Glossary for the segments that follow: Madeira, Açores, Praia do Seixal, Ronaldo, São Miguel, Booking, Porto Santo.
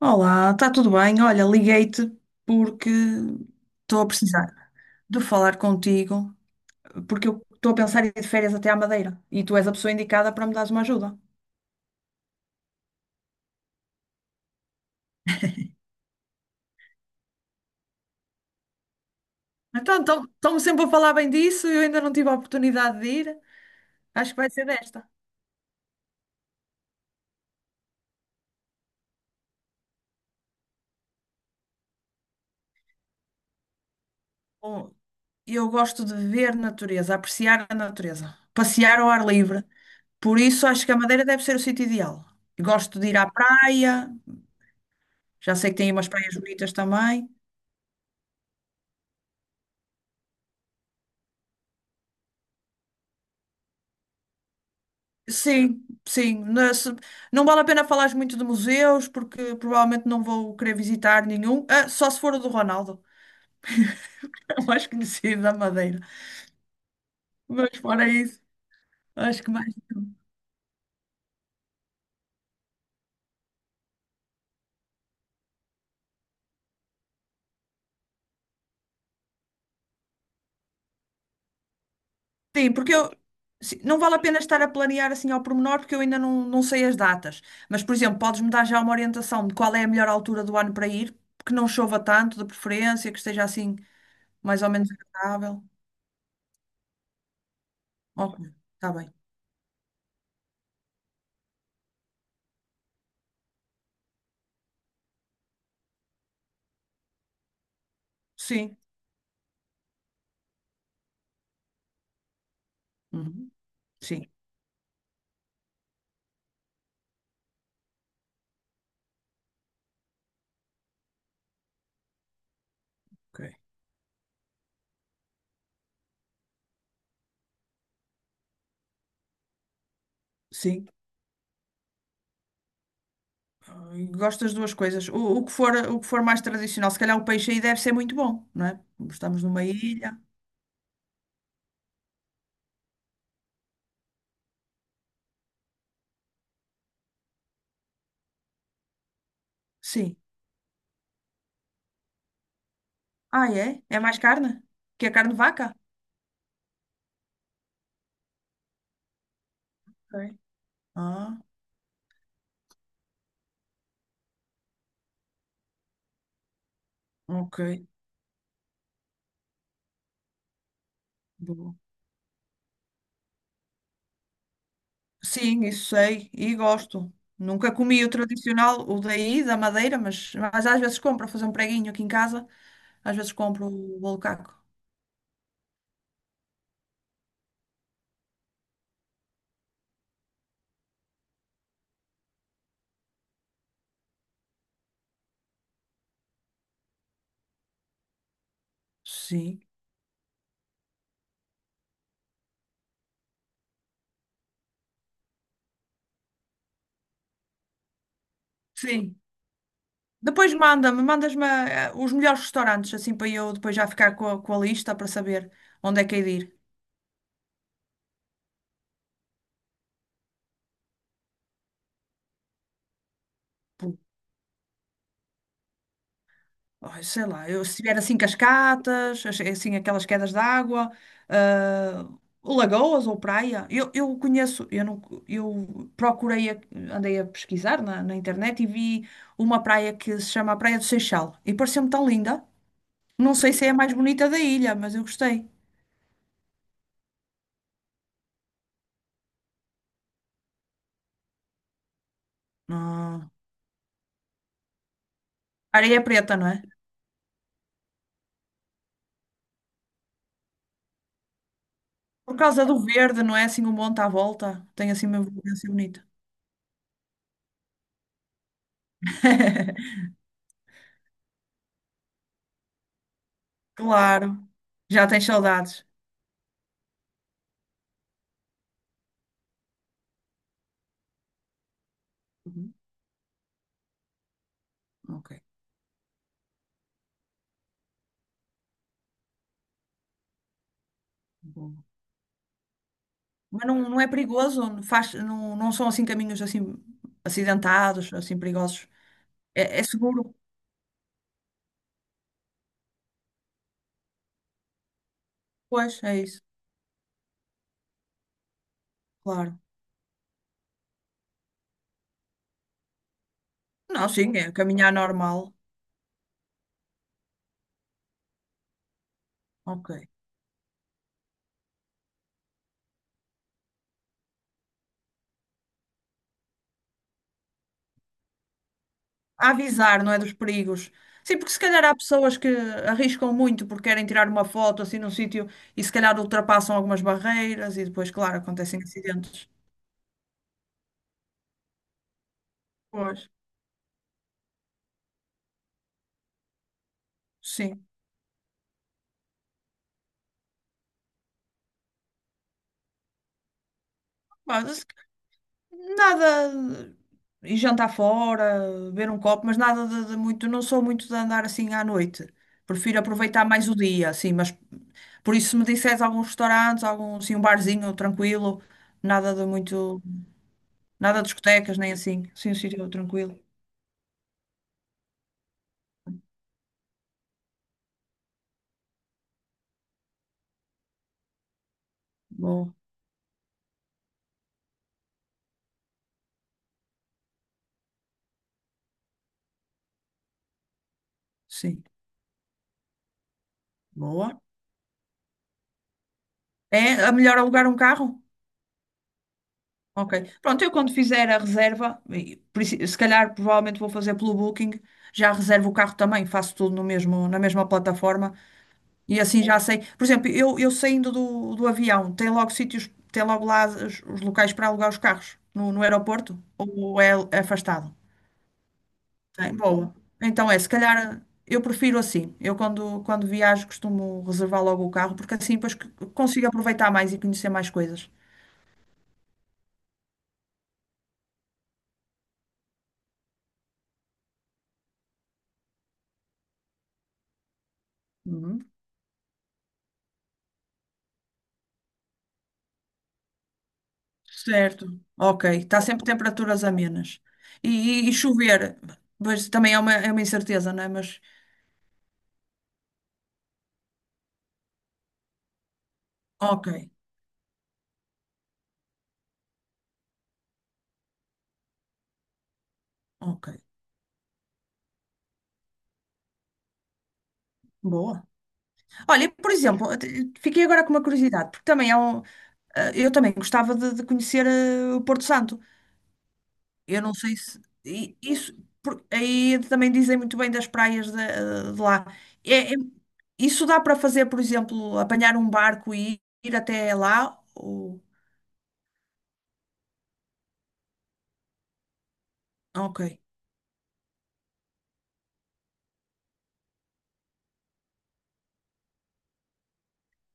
Olá, está tudo bem? Olha, liguei-te porque estou a precisar de falar contigo, porque eu estou a pensar em ir de férias até à Madeira e tu és a pessoa indicada para me dares uma ajuda. Então, estão-me sempre a falar bem disso, eu ainda não tive a oportunidade de ir. Acho que vai ser desta. Bom, eu gosto de ver natureza, apreciar a natureza, passear ao ar livre. Por isso, acho que a Madeira deve ser o sítio ideal. Gosto de ir à praia, já sei que tem aí umas praias bonitas também. Sim, sim. Na se- Não vale a pena falar muito de museus, porque provavelmente não vou querer visitar nenhum. Ah, só se for o do Ronaldo, o mais conhecido da Madeira. Mas fora isso, acho que mais. Sim, porque eu. Sim, não vale a pena estar a planear assim ao pormenor, porque eu ainda não sei as datas. Mas, por exemplo, podes-me dar já uma orientação de qual é a melhor altura do ano para ir, que não chova tanto, de preferência, que esteja assim mais ou menos agradável. Ok, está bem. Sim. Uhum. Sim. Ok. Sim. Gosto das duas coisas. O que for, o que for mais tradicional, se calhar o peixe aí deve ser muito bom, não é? Estamos numa ilha. Sim. Ah, é? É mais carne? Que a carne de vaca? Ok. Ah, ok. Boa. Sim, isso sei e gosto. Nunca comi o tradicional, o daí, da Madeira, mas às vezes compro para fazer um preguinho aqui em casa. Às vezes compro o bolo caco. Sim. Sim. Depois manda-me, mandas-me os melhores restaurantes, assim para eu depois já ficar com com a lista para saber onde é que hei de ir. Pô, ai, sei lá, eu, se tiver assim cascatas, assim aquelas quedas de água, ah, lagoas ou praia. Eu conheço, eu, não, eu procurei, andei a pesquisar na internet e vi uma praia que se chama a Praia do Seixal e pareceu-me tão linda. Não sei se é a mais bonita da ilha, mas eu gostei. Ah, areia é preta, não é? Por causa do verde, não é assim um monte à volta? Tem assim uma evolução bonita. Claro. Já tens saudades. Uhum. Ok. Bom. Mas não, não é perigoso? Não faz, não, não são assim caminhos assim acidentados, assim perigosos? É, é seguro? Pois, é isso. Claro. Não, sim, é caminhar normal. Ok. A avisar, não é dos perigos. Sim, porque se calhar há pessoas que arriscam muito porque querem tirar uma foto assim num sítio e se calhar ultrapassam algumas barreiras e depois, claro, acontecem acidentes. Pois, sim. Mas, nada. E jantar fora, beber um copo, mas nada de muito. Não sou muito de andar assim à noite. Prefiro aproveitar mais o dia, assim. Mas por isso, se me disseres alguns restaurantes, algum, assim, um barzinho tranquilo, nada de muito. Nada de discotecas, nem assim. Sim, um sítio tranquilo. Boa, sim. Boa. É, a melhor alugar um carro? Ok. Pronto, eu quando fizer a reserva, e se calhar provavelmente vou fazer pelo Booking, já reservo o carro também, faço tudo no mesmo, na mesma plataforma e assim já sei. Por exemplo, eu saindo do avião, tem logo sítios, tem logo lá os locais para alugar os carros no aeroporto ou é afastado? Tem, boa. Então é, se calhar eu prefiro assim. Quando viajo costumo reservar logo o carro porque assim depois consigo aproveitar mais e conhecer mais coisas. Certo, ok. Está sempre temperaturas amenas. E, e chover, pois também é uma incerteza, não é? Mas, ok, ok. Boa. Olha, e, por exemplo, fiquei agora com uma curiosidade, porque também é um. Eu também gostava de conhecer o Porto Santo. Eu não sei se. E- Isso. por- Aí também dizem muito bem das praias de lá. É- é- isso dá para fazer, por exemplo, apanhar um barco e ir até lá? Ou... Ok,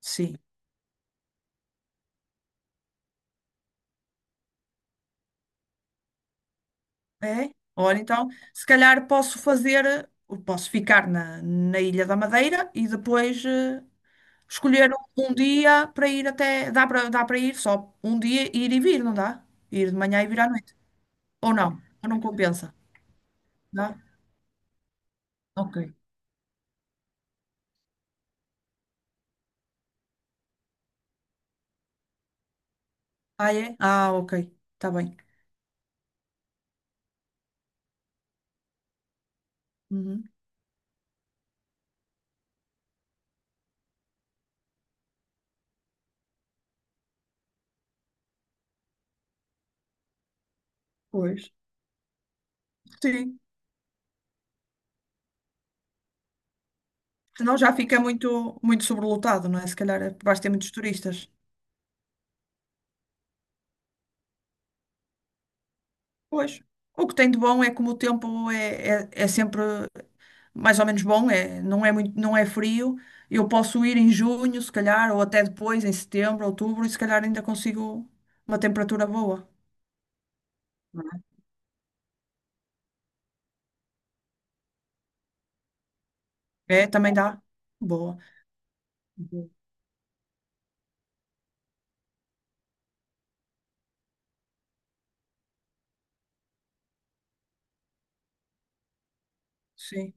sim. É? Olha então, se calhar posso fazer, posso ficar na, na Ilha da Madeira e depois escolher um dia para ir até. Dá para ir só um dia, ir e vir, não dá? Ir de manhã e vir à noite. Ou não? Ou não compensa? Dá? Ok. Ah, é? Ah, ok. Está bem. Uhum. Pois. Sim. Senão já fica muito, muito sobrelotado, não é? Se calhar vais ter muitos turistas. Pois. O que tem de bom é como o tempo é sempre mais ou menos bom, é, não é muito, não é frio. Eu posso ir em junho, se calhar, ou até depois, em setembro, outubro, e se calhar ainda consigo uma temperatura boa. Não É, é, também dá. Boa, é? Sim,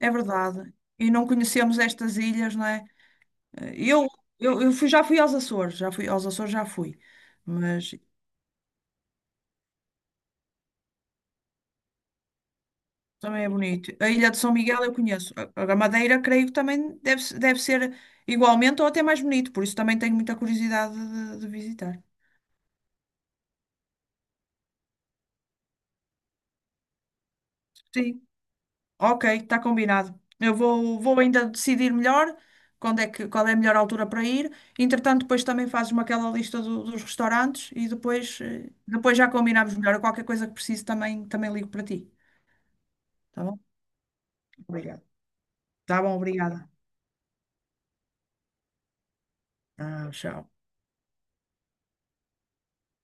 é verdade. E não conhecemos estas ilhas, não é? Eu, já fui aos Açores, já fui aos Açores, já fui. Mas também é bonito. A Ilha de São Miguel eu conheço. A Madeira creio que também deve, deve ser igualmente ou até mais bonito, por isso também tenho muita curiosidade de visitar. Sim, ok, está combinado. Vou ainda decidir melhor quando é que, qual é a melhor altura para ir. Entretanto, depois também fazes-me aquela lista dos restaurantes e depois, depois já combinamos melhor. Qualquer coisa que precise também, também ligo para ti. Tá bom? Obrigada. Tá bom, obrigada. Ah, tchau.